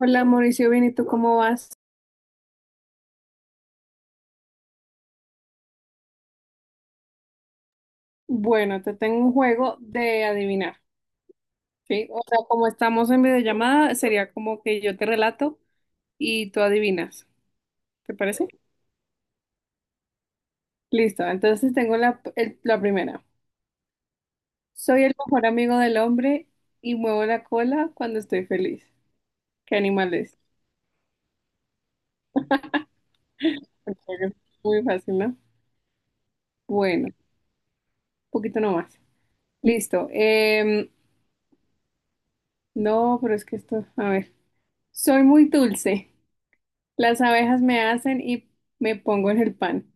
Hola Mauricio, bien, ¿y tú cómo vas? Bueno, te tengo un juego de adivinar, ¿sí? O sea, como estamos en videollamada, sería como que yo te relato y tú adivinas, ¿te parece? Listo, entonces tengo la primera. Soy el mejor amigo del hombre y muevo la cola cuando estoy feliz. ¿Qué animal es? Ok, es muy fácil, ¿no? Bueno, un poquito nomás. Listo. No, pero es que esto, a ver. Soy muy dulce. Las abejas me hacen y me pongo en el pan.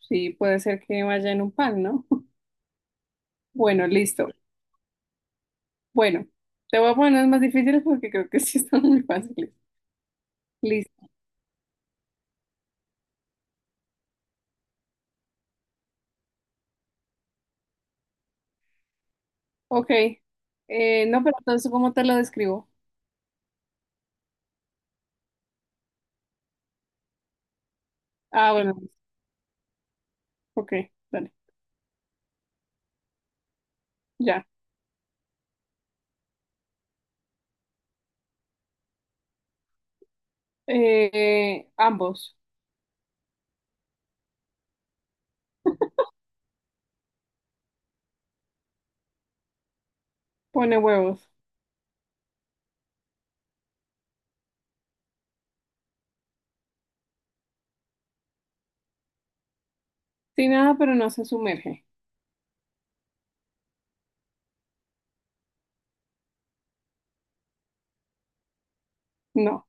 Sí, puede ser que vaya en un pan, ¿no? Bueno, listo. Bueno, te voy a poner unas más difíciles porque creo que sí están muy fáciles. Listo. Ok. No, pero entonces, ¿cómo te lo describo? Ah, bueno. Ok, dale. Ya. Ambos. Pone huevos. Sin nada, pero no se sumerge. No.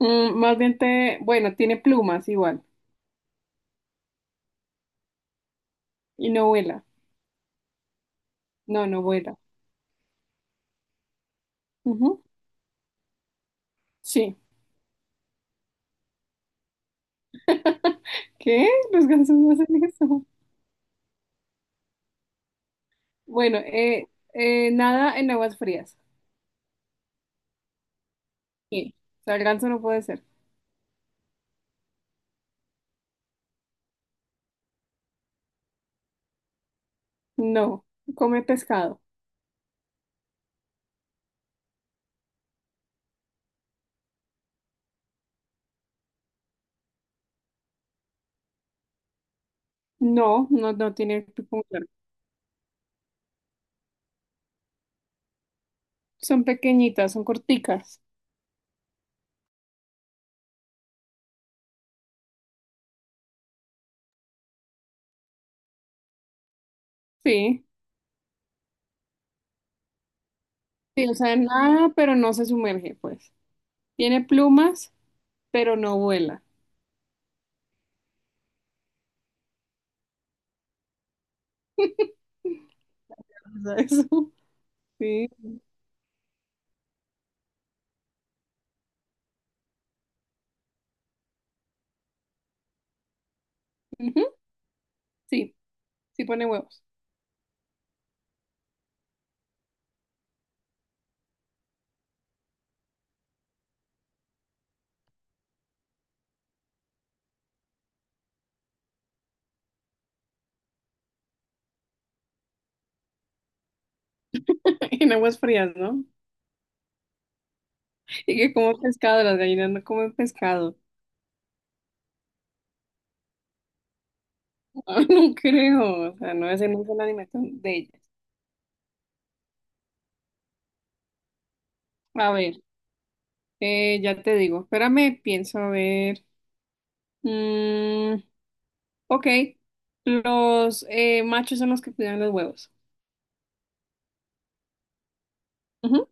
Mm, más bien te... Bueno, tiene plumas igual. Y no vuela. No, no vuela. Ujú. Sí. ¿Qué? Los gansos no hacen eso. Bueno, nada en aguas frías. Sí. O no puede ser. No. Come pescado. No, no, no tiene que comer. Son pequeñitas, son corticas. Sí. Sí, o sea, nada, pero no se sumerge, pues. Tiene plumas, pero no vuela. O sea, eso. Sí. Ujú. Sí, sí pone huevos. En aguas frías, ¿no? Y que como pescado, las gallinas no comen pescado. No, creo. O sea, no es en esa es la dimensión de ellas. A ver. Ya te digo, espérame, pienso a ver. Mm, ok, los machos son los que cuidan los huevos. Ujú.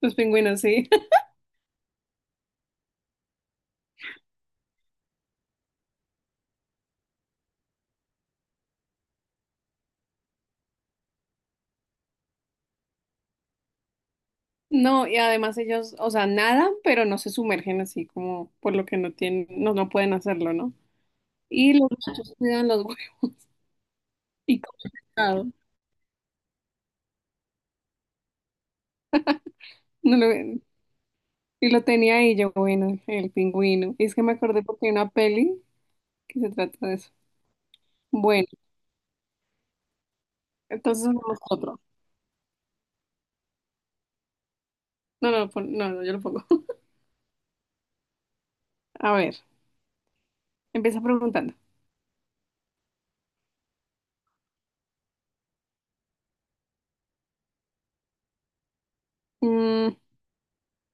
Los pingüinos, sí. No, y además ellos, o sea, nadan, pero no se sumergen así como por lo que no tienen, no, no pueden hacerlo, ¿no? Y los machos cuidan los huevos y comen pescado. No lo, Y lo tenía ahí yo, bueno, el pingüino. Y es que me acordé porque hay una peli que se trata de eso. Bueno, entonces vamos a otro. No, no, no, no, yo lo pongo. A ver. Empieza preguntando. Mm,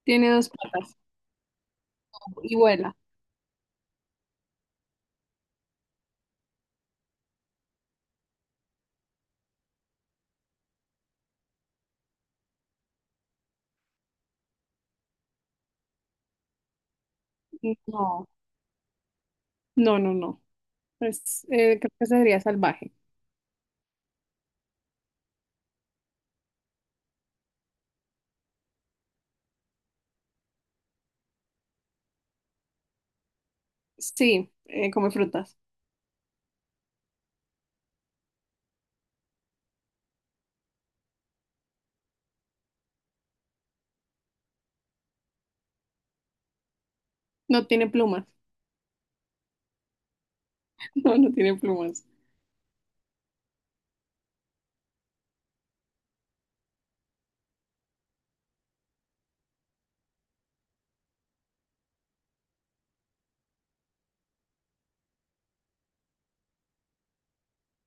tiene dos patas y vuela. No, no, no, no. Es, creo que sería salvaje. Sí, come frutas. No tiene plumas. No, no tiene plumas.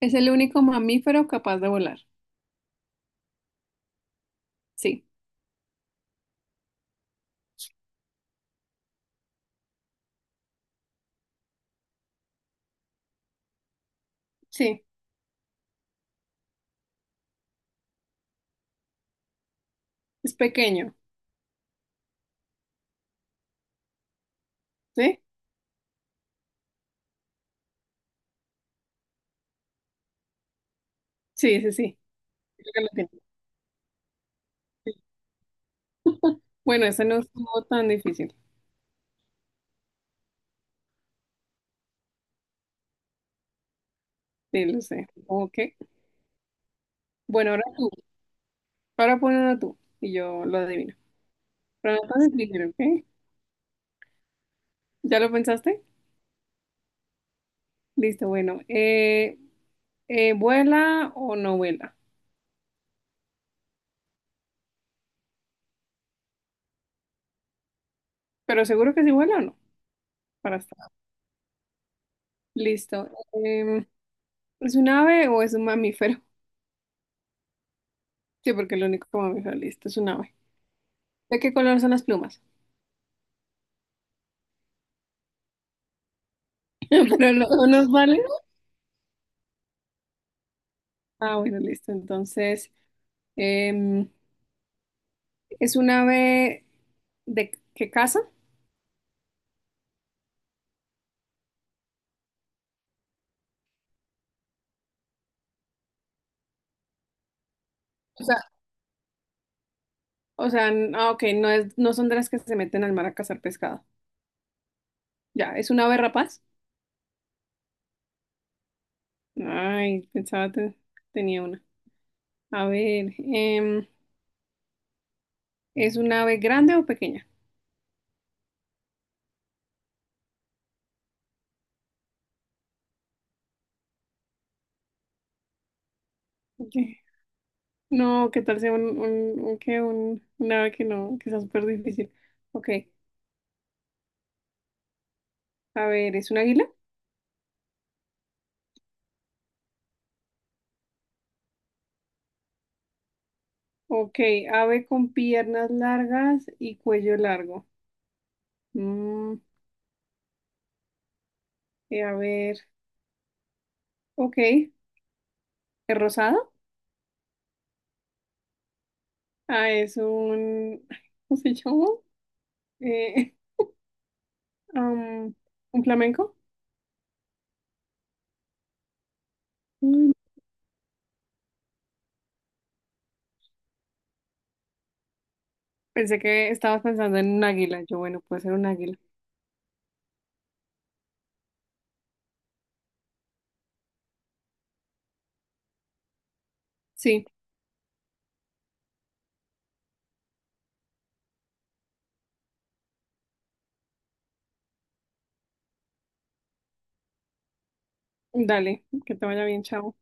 Es el único mamífero capaz de volar. Sí, sí. Es pequeño. ¿Sí? Sí, sí, sí. Creo que lo tiene. Sí. Bueno, ese no estuvo tan difícil. Sí, lo sé. Ok. Bueno, ahora tú. Ahora pon uno tú y yo lo adivino. Pero no tan difícil, ¿ok? ¿Ya lo pensaste? Listo, bueno. ¿Vuela o no vuela? Pero seguro que sí vuela o no, para estar. Listo. ¿Es un ave o es un mamífero? Sí, porque el único mamífero, listo, es un ave. ¿De qué color son las plumas? Pero no, no nos vale. Ah, bueno, listo. Entonces, em, ¿es un ave de qué caza? O sea, ah, ok, no es, no son de las que se meten al mar a cazar pescado. Ya, ¿es un ave rapaz? Ay, pensaba que tenía una. A ver, ¿es un ave grande o pequeña? Ok. No, ¿qué tal sea un ave que no, que sea súper difícil? Ok, a ver, ¿es un águila? Ok, ave con piernas largas y cuello largo. Mm, a ver, ok, ¿es rosado? Ah, es un, ay, ¿cómo se llama? Eh, um, ¿un flamenco? Mm, pensé que estabas pensando en un águila. Yo, bueno, puede ser un águila. Sí, dale, que te vaya bien, chao.